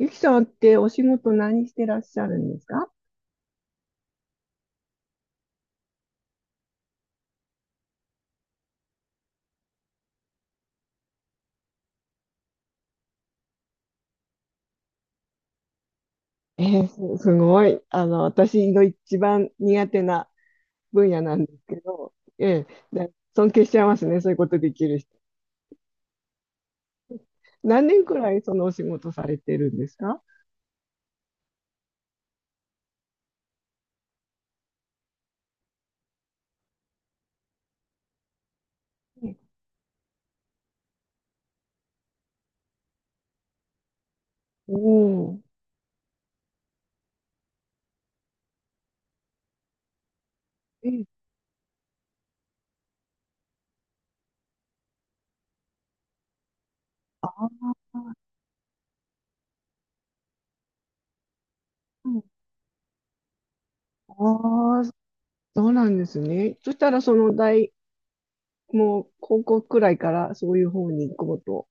ゆきさんってお仕事何してらっしゃるんですか？えー、す、すごい。私の一番苦手な分野なんですけど、えー、だ尊敬しちゃいますね。そういうことできる人。何年くらいそのお仕事されてるんですか？おお、え、ああー、うん。ああ、そうなんですね。そしたら、その大、もう、高校くらいから、そういう方に行こうと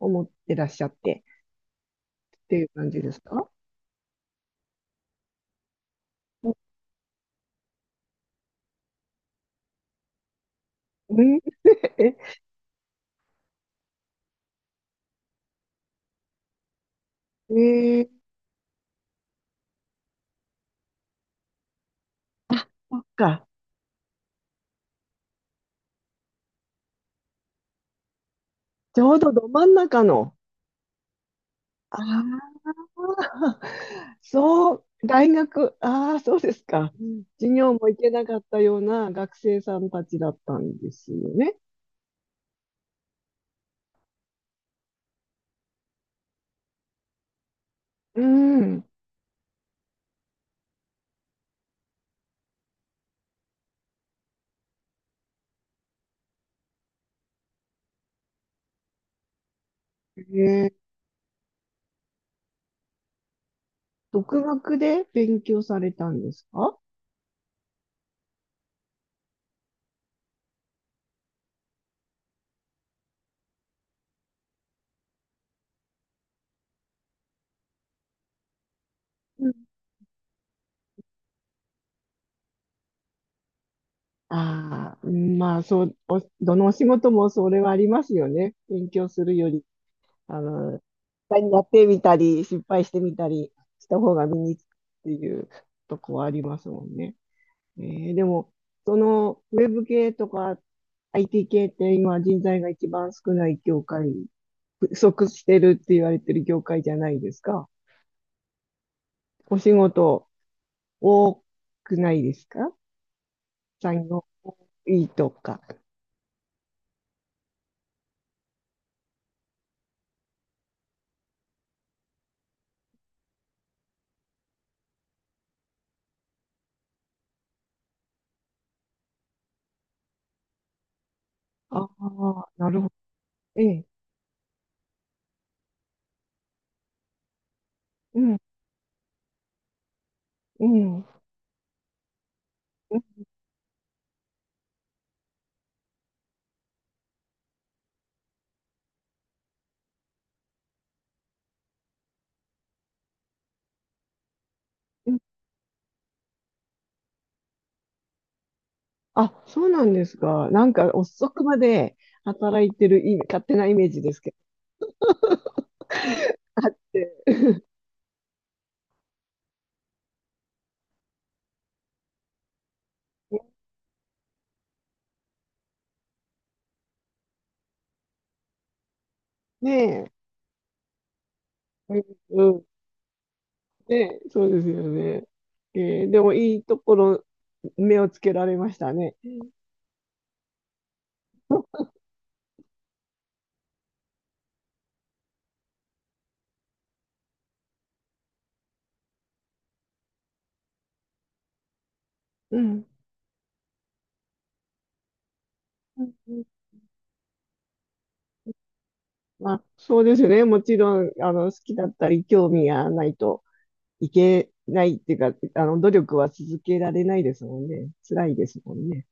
思ってらっしゃって、っていう感じですか？うん。え、そっか。ちょうどど真ん中の。ああ、そう、大学、ああ、そうですか。うん。授業も行けなかったような学生さんたちだったんですよね。うん。え、独学で勉強されたんですか？うん。ああ、まあ、そう、どのお仕事もそれはありますよね。勉強するより、実際にやってみたり、失敗してみたりした方が身につくっていうとこはありますもんね。でも、ウェブ系とか IT 系って今人材が一番少ない業界、不足してるって言われてる業界じゃないですか。お仕事多くないですか？才能いいとか。ああ、なるほど。ええ。うん、うん、うん、うん。あ、そうなんですか。なんか遅くまで働いてる勝手なイメージですけど。あって。ねえ。うん、うん。ねえ、そうですよね。ええ、でもいいところ、目をつけられましたね。うん。うん、うん。まあ、そうですよね。もちろん、好きだったり、興味がないと。いけないっていうか、努力は続けられないですもんね。辛いですもんね。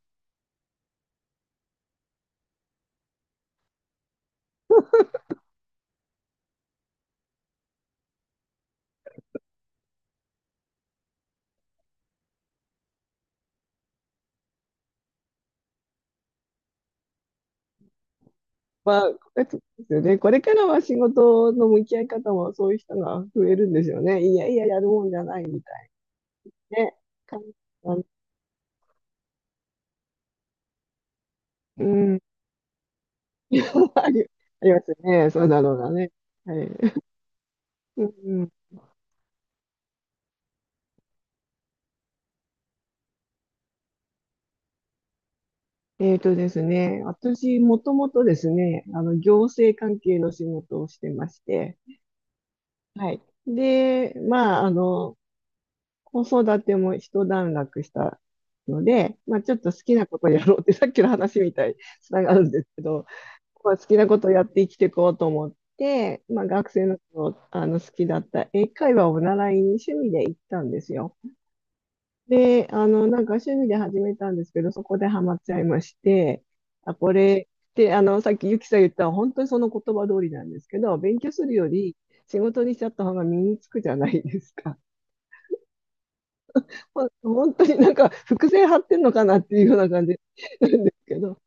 まあ、ですよね。これからは仕事の向き合い方もそういう人が増えるんですよね。いやいや、やるもんじゃないみたいなね。かんあのうん。あり、ありますね。そうだろうなね。はい。うん、うん。ですね。私、もともとですね、行政関係の仕事をしてまして、はい。で、まあ、子育ても一段落したので、まあ、ちょっと好きなことやろうって、さっきの話みたいにつながるんですけど、まあ、好きなことやって生きていこうと思って、まあ、学生の頃、あの好きだった英会話を習いに趣味で行ったんですよ。で、なんか趣味で始めたんですけど、そこでハマっちゃいまして、あ、これって、さっきゆきさん言った本当にその言葉通りなんですけど、勉強するより仕事にしちゃった方が身につくじゃないですか。本当になんか伏線張ってんのかなっていうような感じなんですけど、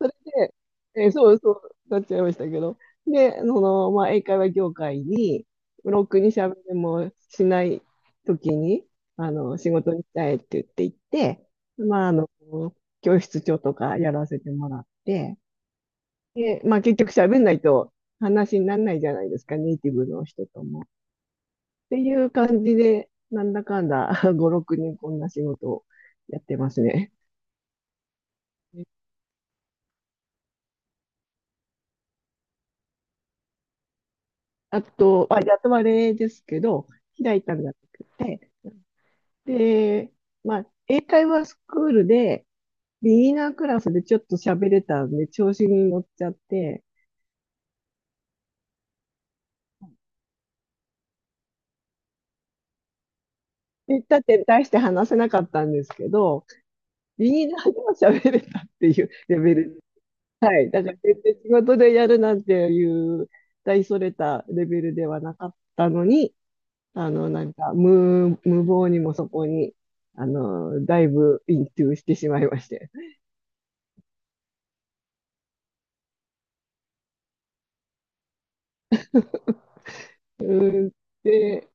それで、そうそう、なっちゃいましたけど、で、まあ、英会話業界に、ロックに喋れもしない時に、仕事にしたいって言って行って、まあ、教室長とかやらせてもらって、で、まあ、結局喋んないと話にならないじゃないですか、ネイティブの人とも。っていう感じで、なんだかんだ 5、6人こんな仕事をやってますね。あと、まあ、やとれですけど、開いたんじゃなくて、で、まあ、英会話スクールで、ビギナークラスでちょっと喋れたんで、調子に乗っちゃって、で、だって大して話せなかったんですけど、ビギナーでも喋れたっていう レベル。はい。だから全然仕事でやるなんていう大それたレベルではなかったのに、なんか、無謀にもそこに、だいぶイントゥしてしまいまして。うん、で、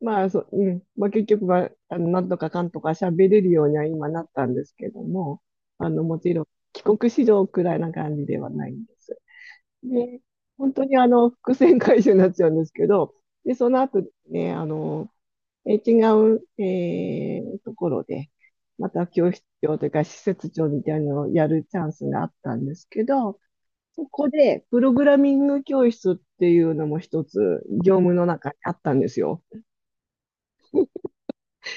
まあ、そう、うん、まあ、結局は、なんとかかんとか喋れるようには今なったんですけども、もちろん、帰国子女くらいな感じではないんです。で、本当に伏線回収になっちゃうんですけど、で、その後ですね、違う、ところで、また教室長というか施設長みたいなのをやるチャンスがあったんですけど、そこでプログラミング教室っていうのも一つ業務の中にあったんですよ。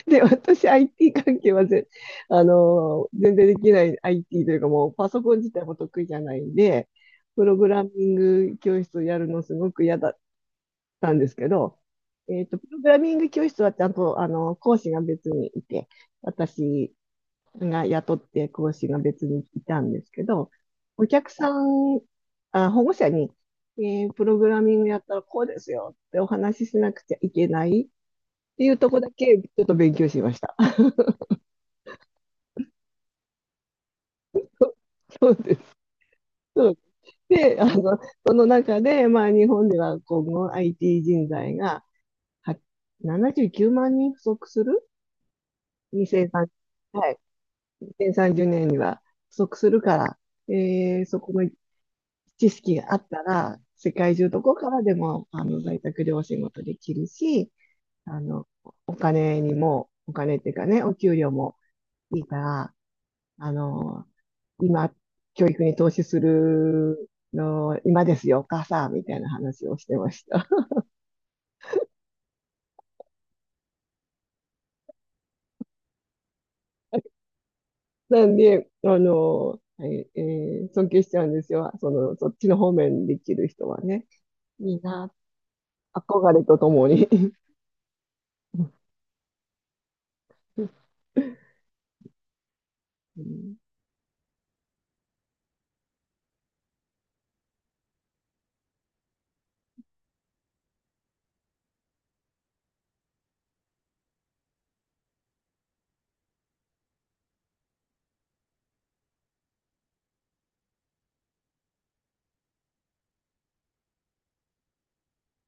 で、私 IT 関係は全然できない IT というかもうパソコン自体も得意じゃないんで、プログラミング教室をやるのすごく嫌だたんですけど、プログラミング教室はちゃんと、講師が別にいて、私が雇って講師が別にいたんですけど、お客さん、あ、保護者に、プログラミングやったらこうですよってお話ししなくちゃいけないっていうとこだけちょっと勉強しました。そうです。そうで、その中で、まあ日本では今後 IT 人材は79万人不足する2 0 3。はい。2030年には不足するから、そこの知識があったら、世界中どこからでも在宅でお仕事できるし、あの、お金にも、お金っていうかね、お給料もいいから、あの、今、教育に投資するの、今ですよ、お母さん、みたいな話をしてました。なんで、あの、ええー尊敬しちゃうんですよ。そっちの方面にできる人はね。いいな、憧れとともに。ですね。